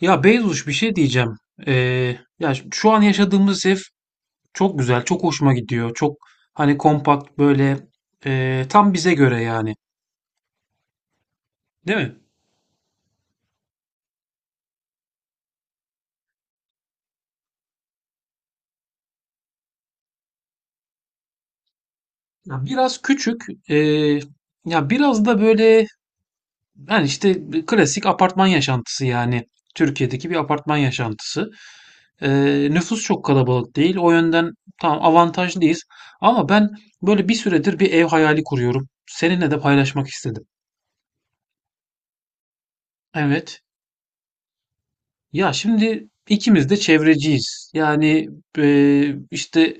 Ya Beyzuş bir şey diyeceğim. Şu an yaşadığımız ev çok güzel, çok hoşuma gidiyor. Çok hani kompakt böyle, tam bize göre yani. Değil mi? Ya biraz küçük, e, ya biraz da böyle hani işte klasik apartman yaşantısı yani. Türkiye'deki bir apartman yaşantısı. E, Nüfus çok kalabalık değil. O yönden tam avantajlıyız. Ama ben böyle bir süredir bir ev hayali kuruyorum. Seninle de paylaşmak istedim. Evet. Ya şimdi ikimiz de çevreciyiz. Yani e, işte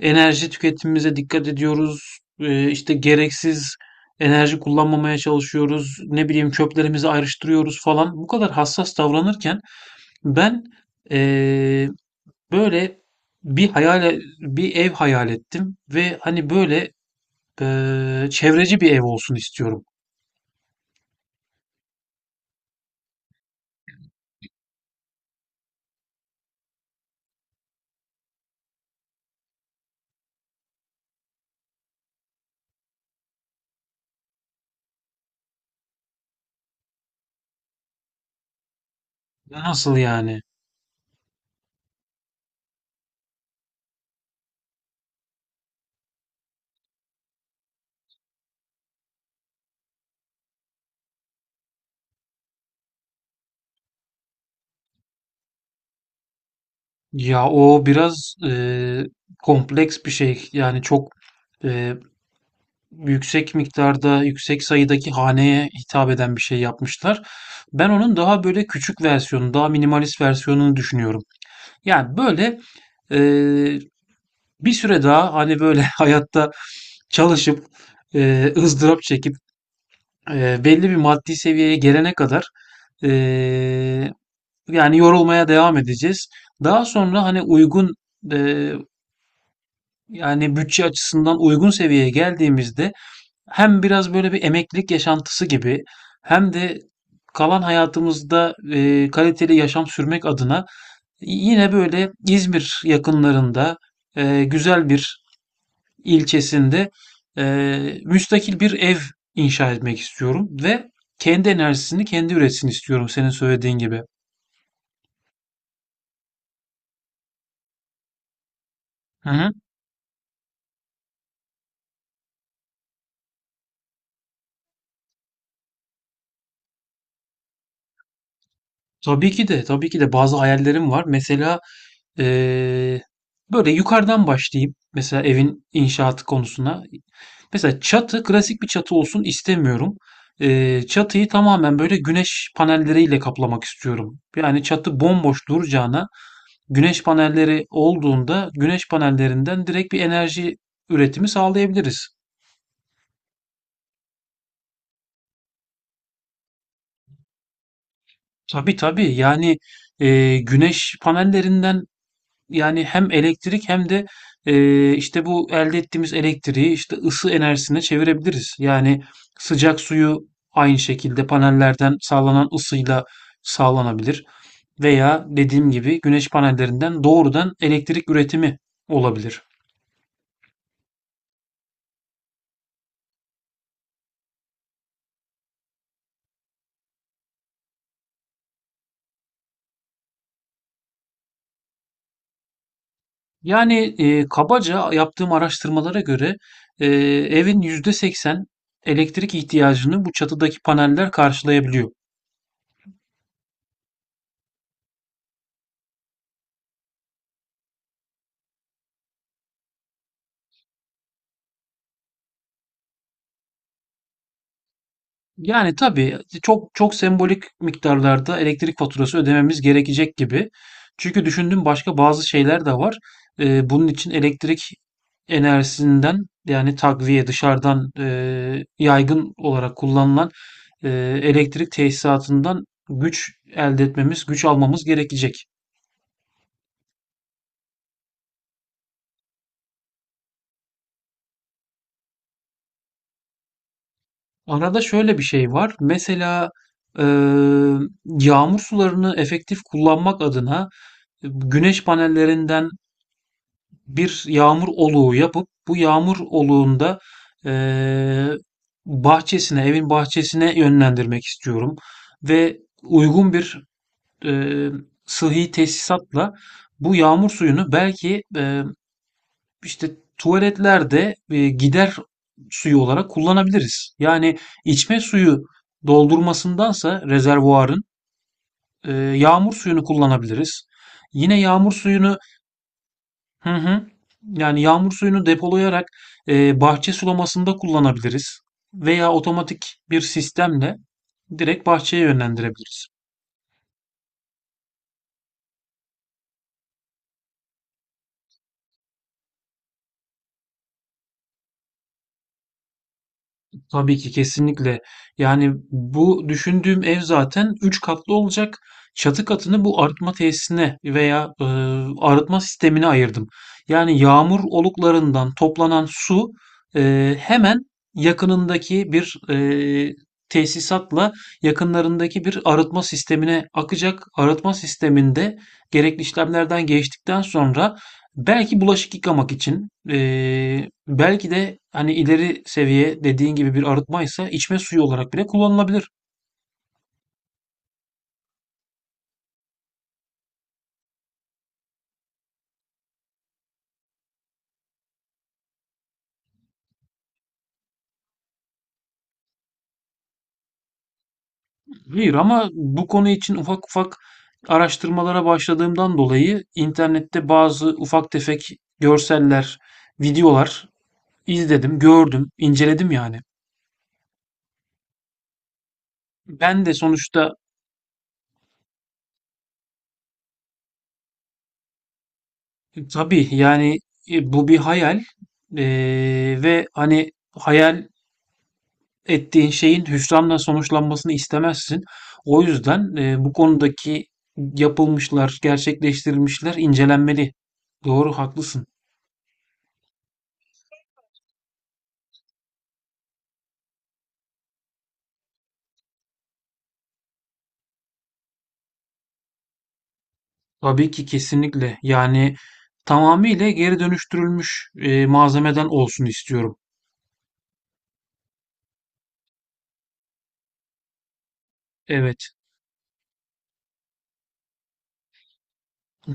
enerji tüketimimize dikkat ediyoruz. İşte gereksiz enerji kullanmamaya çalışıyoruz. Ne bileyim çöplerimizi ayrıştırıyoruz falan. Bu kadar hassas davranırken ben e, böyle bir hayal bir ev hayal ettim ve hani böyle, çevreci bir ev olsun istiyorum. Nasıl yani? Ya o biraz kompleks bir şey. Yani çok eee, yüksek miktarda, yüksek sayıdaki haneye hitap eden bir şey yapmışlar. Ben onun daha böyle küçük versiyonu, daha minimalist versiyonunu düşünüyorum. Yani böyle eee, bir süre daha hani böyle hayatta çalışıp ızdırap çekip belli bir maddi seviyeye gelene kadar eee, yani yorulmaya devam edeceğiz. Daha sonra hani uygun e, yani bütçe açısından uygun seviyeye geldiğimizde hem biraz böyle bir emeklilik yaşantısı gibi hem de kalan hayatımızda kaliteli yaşam sürmek adına yine böyle İzmir yakınlarında güzel bir ilçesinde e, müstakil bir ev inşa etmek istiyorum ve kendi enerjisini kendi üretsin istiyorum senin söylediğin gibi. Hı hı. Tabii ki de tabii ki de bazı hayallerim var. Mesela Eee, böyle yukarıdan başlayayım. Mesela evin inşaatı konusuna. Mesela çatı klasik bir çatı olsun istemiyorum. Çatıyı tamamen böyle güneş panelleriyle kaplamak istiyorum. Yani çatı bomboş duracağına güneş panelleri olduğunda güneş panellerinden direkt bir enerji üretimi sağlayabiliriz. Tabii tabii yani güneş panellerinden yani hem elektrik hem de işte bu elde ettiğimiz elektriği işte ısı enerjisine çevirebiliriz. Yani sıcak suyu aynı şekilde panellerden sağlanan ısıyla sağlanabilir veya dediğim gibi güneş panellerinden doğrudan elektrik üretimi olabilir. Yani kabaca yaptığım araştırmalara göre eee evin %80 elektrik ihtiyacını bu çatıdaki paneller karşılayabiliyor. Yani tabii, çok çok sembolik miktarlarda elektrik faturası ödememiz gerekecek gibi. Çünkü düşündüğüm başka bazı şeyler de var. Bunun için elektrik enerjisinden yani takviye dışarıdan yaygın olarak kullanılan e, elektrik tesisatından güç elde etmemiz, güç almamız gerekecek. Arada şöyle bir şey var. Mesela e, yağmur sularını efektif kullanmak adına güneş panellerinden bir yağmur oluğu yapıp bu yağmur oluğunda eee, bahçesine, evin bahçesine yönlendirmek istiyorum ve uygun bir eee sıhhi tesisatla bu yağmur suyunu belki işte tuvaletlerde gider suyu olarak kullanabiliriz. Yani içme suyu doldurmasındansa rezervuarın yağmur suyunu kullanabiliriz. Yine yağmur suyunu. Hı hı. Yani yağmur suyunu depolayarak bahçe sulamasında kullanabiliriz veya otomatik bir sistemle direkt bahçeye yönlendirebiliriz. Tabii ki kesinlikle. Yani bu düşündüğüm ev zaten 3 katlı olacak. Çatı katını bu arıtma tesisine veya arıtma sistemine ayırdım. Yani yağmur oluklarından toplanan su hemen yakınındaki bir tesisatla yakınlarındaki bir arıtma sistemine akacak. Arıtma sisteminde gerekli işlemlerden geçtikten sonra belki bulaşık yıkamak için, belki de hani ileri seviye dediğin gibi bir arıtmaysa içme suyu olarak bile kullanılabilir. Hayır ama bu konu için ufak ufak araştırmalara başladığımdan dolayı internette bazı ufak tefek görseller, videolar izledim, gördüm, inceledim yani. Ben de sonuçta tabii yani bu bir hayal ve hani hayal ettiğin şeyin hüsranla sonuçlanmasını istemezsin. O yüzden, bu konudaki yapılmışlar, gerçekleştirilmişler incelenmeli. Doğru, haklısın. Tabii ki, kesinlikle. Yani tamamıyla geri dönüştürülmüş, malzemeden olsun istiyorum. Evet.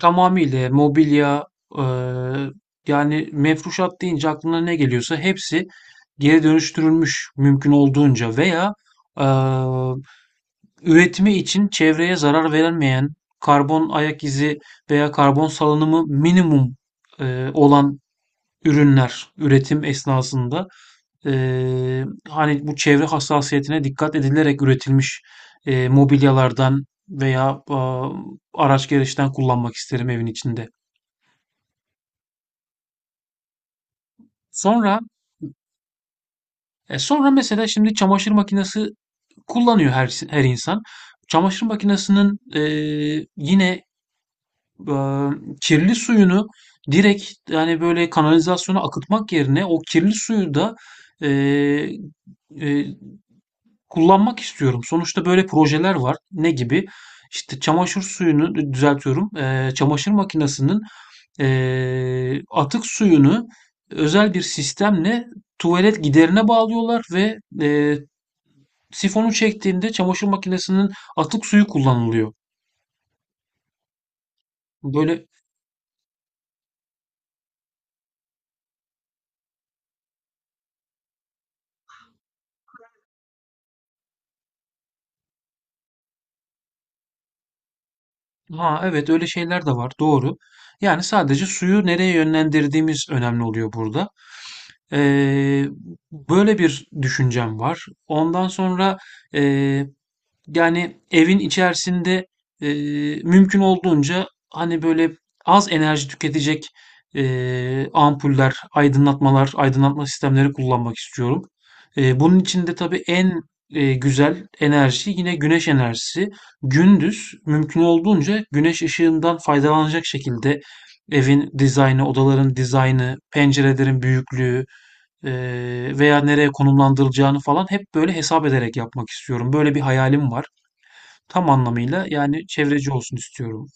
Tamamıyla mobilya, eee, yani mefruşat deyince aklına ne geliyorsa hepsi geri dönüştürülmüş mümkün olduğunca veya, eee üretimi için çevreye zarar verilmeyen, karbon ayak izi veya karbon salınımı minimum olan ürünler üretim esnasında e, hani bu çevre hassasiyetine dikkat edilerek üretilmiş mobilyalardan veya araç gereçten kullanmak isterim evin içinde. Sonra, sonra mesela şimdi çamaşır makinesi kullanıyor her insan. Çamaşır makinesinin yine eee, kirli suyunu direkt yani böyle kanalizasyona akıtmak yerine o kirli suyu da eee, eee, kullanmak istiyorum. Sonuçta böyle projeler var. Ne gibi? İşte çamaşır suyunu düzeltiyorum. Çamaşır makinesinin atık suyunu özel bir sistemle tuvalet giderine bağlıyorlar ve sifonu çektiğinde çamaşır makinesinin atık suyu kullanılıyor. Böyle. Ha evet öyle şeyler de var doğru. Yani sadece suyu nereye yönlendirdiğimiz önemli oluyor burada. Ee, Böyle bir düşüncem var. Ondan sonra yani evin içerisinde e, mümkün olduğunca hani böyle az enerji tüketecek ampuller, aydınlatmalar, aydınlatma sistemleri kullanmak istiyorum. Bunun için de tabii en güzel enerji yine güneş enerjisi. Gündüz mümkün olduğunca güneş ışığından faydalanacak şekilde evin dizaynı, odaların dizaynı, pencerelerin büyüklüğü e, veya nereye konumlandırılacağını falan hep böyle hesap ederek yapmak istiyorum. Böyle bir hayalim var. Tam anlamıyla yani çevreci olsun istiyorum.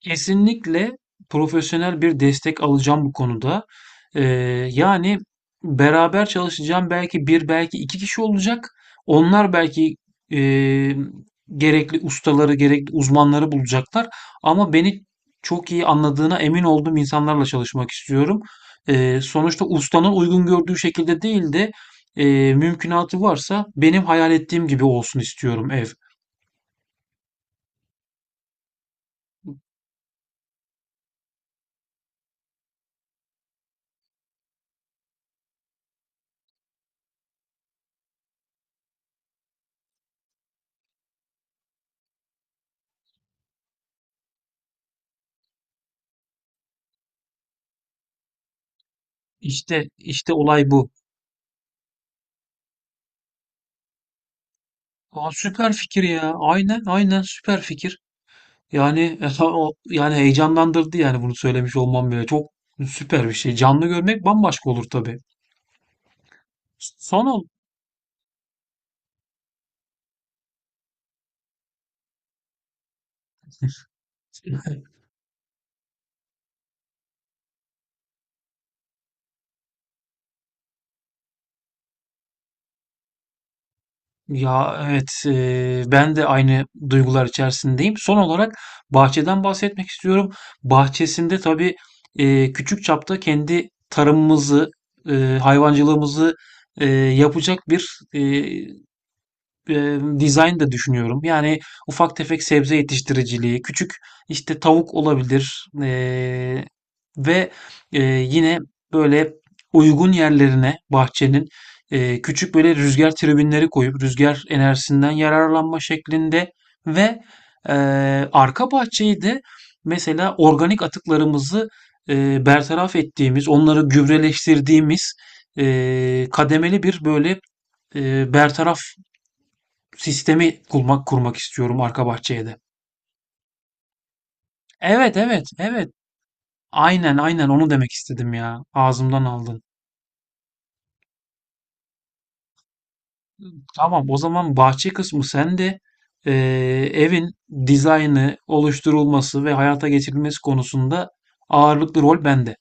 Kesinlikle profesyonel bir destek alacağım bu konuda. Yani beraber çalışacağım belki bir belki iki kişi olacak. Onlar belki eee, gerekli ustaları, gerekli uzmanları bulacaklar. Ama beni çok iyi anladığına emin olduğum insanlarla çalışmak istiyorum. Sonuçta ustanın uygun gördüğü şekilde değil de mümkünatı varsa benim hayal ettiğim gibi olsun istiyorum ev. İşte işte olay bu. Aa, süper fikir ya. Aynen aynen süper fikir. Yani o yani heyecanlandırdı yani bunu söylemiş olmam bile. Çok süper bir şey. Canlı görmek bambaşka olur tabii. Son ol. Ya evet ben de aynı duygular içerisindeyim. Son olarak bahçeden bahsetmek istiyorum. Bahçesinde tabii küçük çapta kendi tarımımızı, hayvancılığımızı yapacak bir e, design de düşünüyorum. Yani ufak tefek sebze yetiştiriciliği, küçük işte tavuk olabilir, ve yine böyle uygun yerlerine bahçenin küçük böyle rüzgar tribünleri koyup rüzgar enerjisinden yararlanma şeklinde ve e, arka bahçeyi de mesela organik atıklarımızı bertaraf ettiğimiz, onları gübreleştirdiğimiz kademeli bir böyle bertaraf sistemi kurmak istiyorum arka bahçeye de. Evet evet evet. Aynen aynen onu demek istedim ya. Ağzımdan aldın. Tamam o zaman bahçe kısmı sende. Ee, Evin dizaynı, oluşturulması ve hayata geçirilmesi konusunda ağırlıklı rol bende.